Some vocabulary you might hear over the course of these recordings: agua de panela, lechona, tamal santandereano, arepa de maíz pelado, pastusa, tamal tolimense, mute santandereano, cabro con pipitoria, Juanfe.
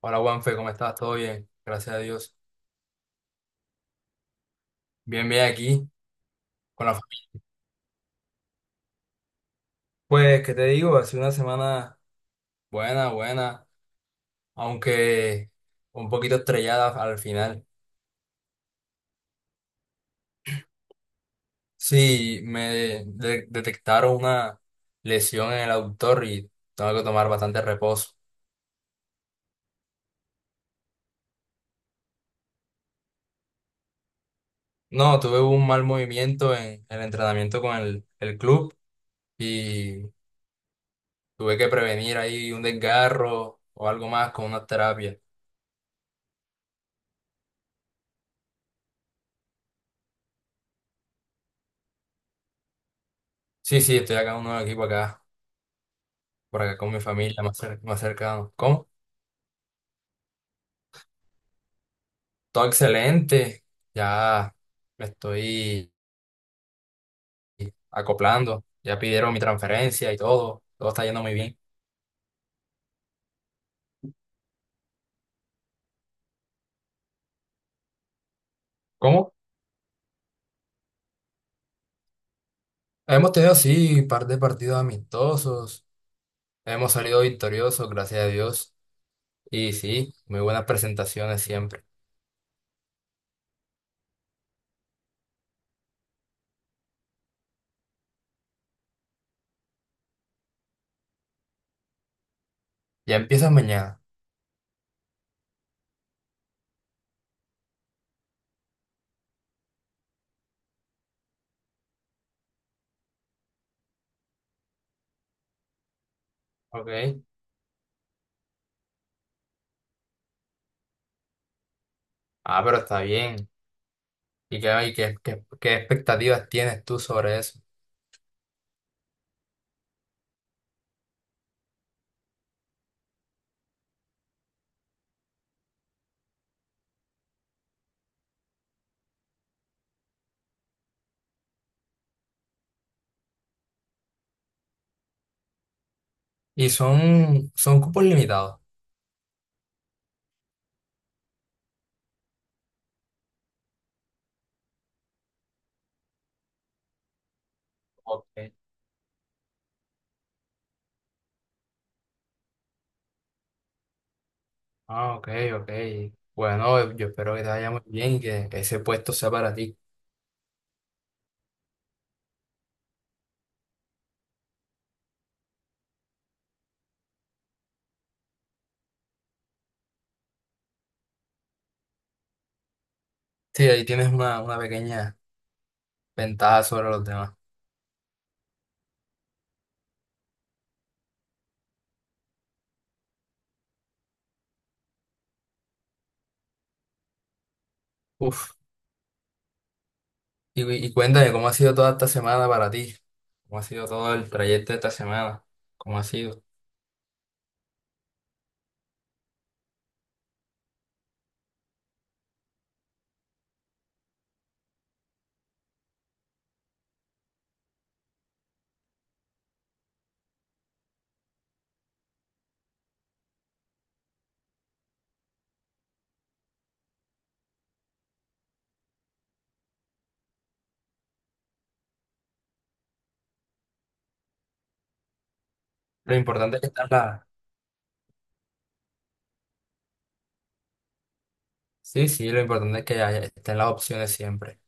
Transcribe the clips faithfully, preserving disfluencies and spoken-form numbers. Hola Juanfe, ¿cómo estás? ¿Todo bien? Gracias a Dios. Bien, bien aquí con la familia. Pues, ¿qué te digo? Ha sido una semana buena, buena, aunque un poquito estrellada al final. Sí, me de- detectaron una lesión en el aductor y tengo que tomar bastante reposo. No, tuve un mal movimiento en el entrenamiento con el, el club y tuve que prevenir ahí un desgarro o algo más con una terapia. Sí, sí, estoy acá en un nuevo equipo acá, por acá con mi familia, más, cer- más cercano. ¿Cómo? Todo excelente, ya me estoy acoplando, ya pidieron mi transferencia y todo, todo está yendo muy bien. ¿Cómo? Hemos tenido, sí, par de partidos amistosos, hemos salido victoriosos, gracias a Dios, y sí, muy buenas presentaciones siempre. Ya empiezas mañana, ¿ok? Ah, pero está bien. ¿Y qué, y qué, qué, qué expectativas tienes tú sobre eso? Y son, son cupos limitados. Ok. Ah, ok, ok. Bueno, yo espero que te vaya muy bien y que ese puesto sea para ti. Sí, ahí tienes una, una pequeña ventaja sobre los demás. Uf, y, y cuéntame, ¿cómo ha sido toda esta semana para ti? ¿Cómo ha sido todo el trayecto de esta semana? ¿Cómo ha sido? Lo importante es que están las... Sí, sí, lo importante es que haya- estén las opciones siempre.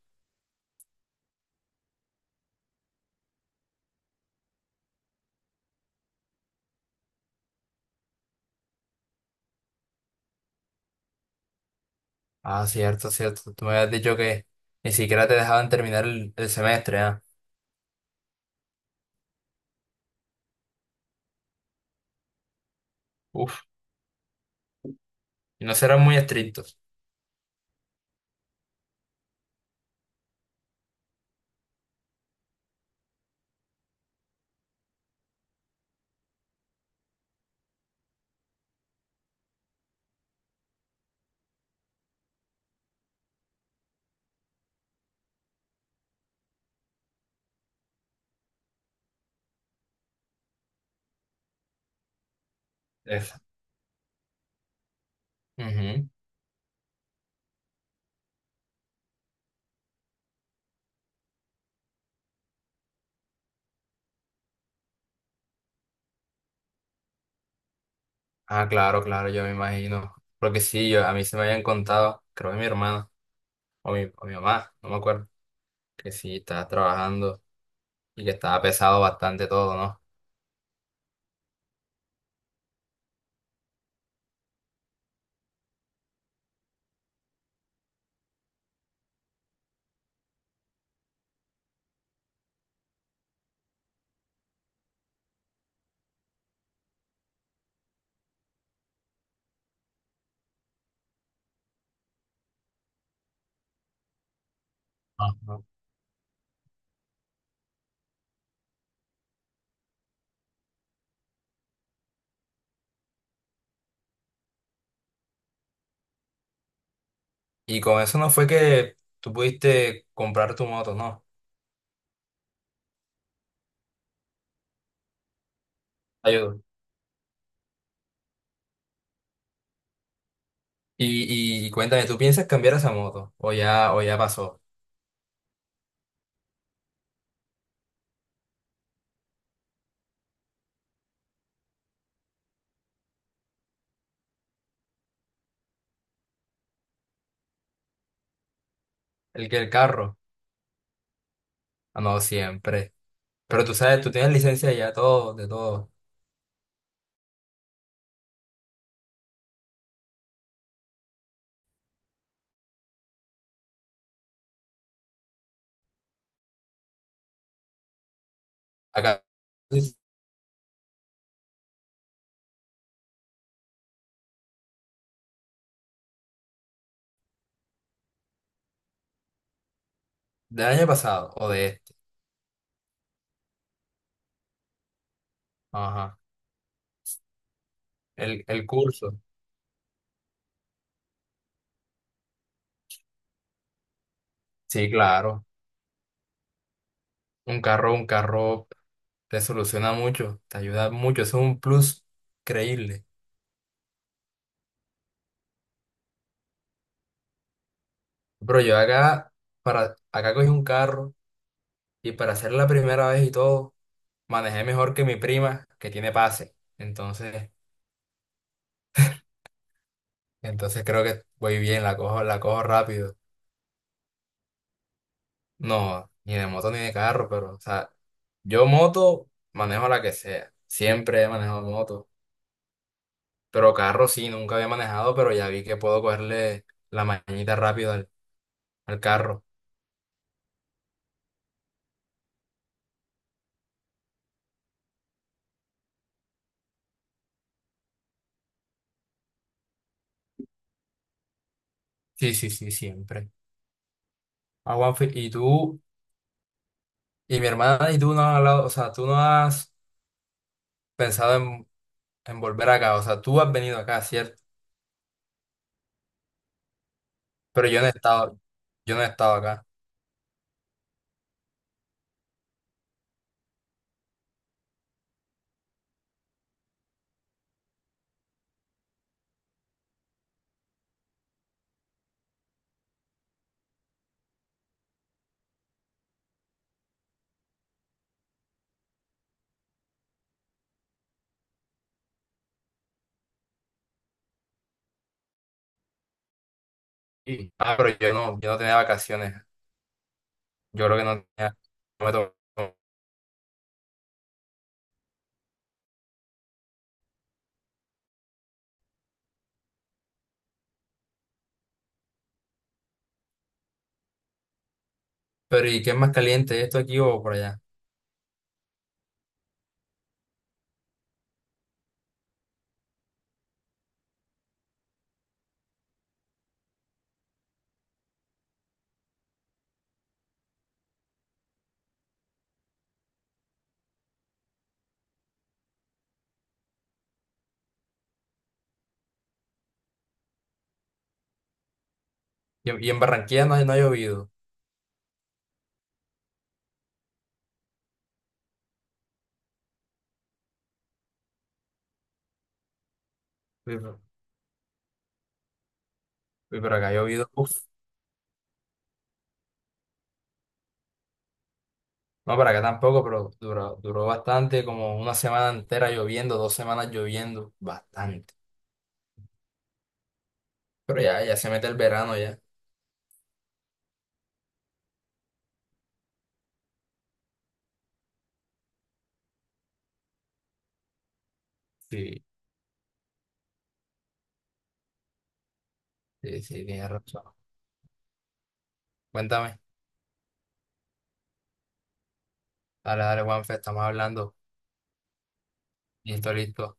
Ah, cierto, cierto. Tú me habías dicho que ni siquiera te dejaban terminar el, el semestre, ¿ah? Uf, y no serán muy estrictos. Eso. Ah, claro, claro, yo me imagino. Porque sí, yo, a mí se me habían contado, creo que mi hermana o mi, o mi mamá, no me acuerdo, que sí, estaba trabajando y que estaba pesado bastante todo, ¿no? Ajá. Y con eso no fue que tú pudiste comprar tu moto, ¿no? Ayudo. Y, y, y cuéntame, ¿tú piensas cambiar esa moto? ¿O ya, o ya pasó? ¿El que el carro? Ah, no, siempre. Pero tú sabes, tú tienes licencia ya todo, de todo. Acá, del año pasado o de este. Ajá. El, el curso. Sí, claro. Un carro, un carro te soluciona mucho, te ayuda mucho, eso es un plus creíble. Pero yo acá, para, acá cogí un carro y para hacer la primera vez y todo, manejé mejor que mi prima que tiene pase. Entonces, entonces creo que voy bien, la cojo, la cojo rápido. No, ni de moto ni de carro, pero, o sea, yo moto manejo la que sea. Siempre he manejado moto. Pero carro sí, nunca había manejado, pero ya vi que puedo cogerle la mañita rápido al al carro. Sí, sí, sí, siempre. Ah, Juanfe, y tú, y mi hermana y tú no han hablado, o sea, tú no has pensado en, en volver acá, o sea, tú has venido acá, ¿cierto? Pero yo no he estado, yo no he estado acá. Sí. Ah, pero yo no, yo no tenía vacaciones. Yo creo que no tenía, no me tocó. Pero ¿y qué es más caliente, esto aquí o por allá? Y, y en Barranquilla no, no ha llovido. Uy, pero uy, pero acá ha llovido, uf. No, para acá tampoco, pero duró, duró bastante, como una semana entera lloviendo, dos semanas lloviendo, bastante. Pero ya, ya se mete el verano ya. Sí, sí, sí, tienes razón. Cuéntame. Dale, dale, Juanfe, estamos hablando. Listo, listo.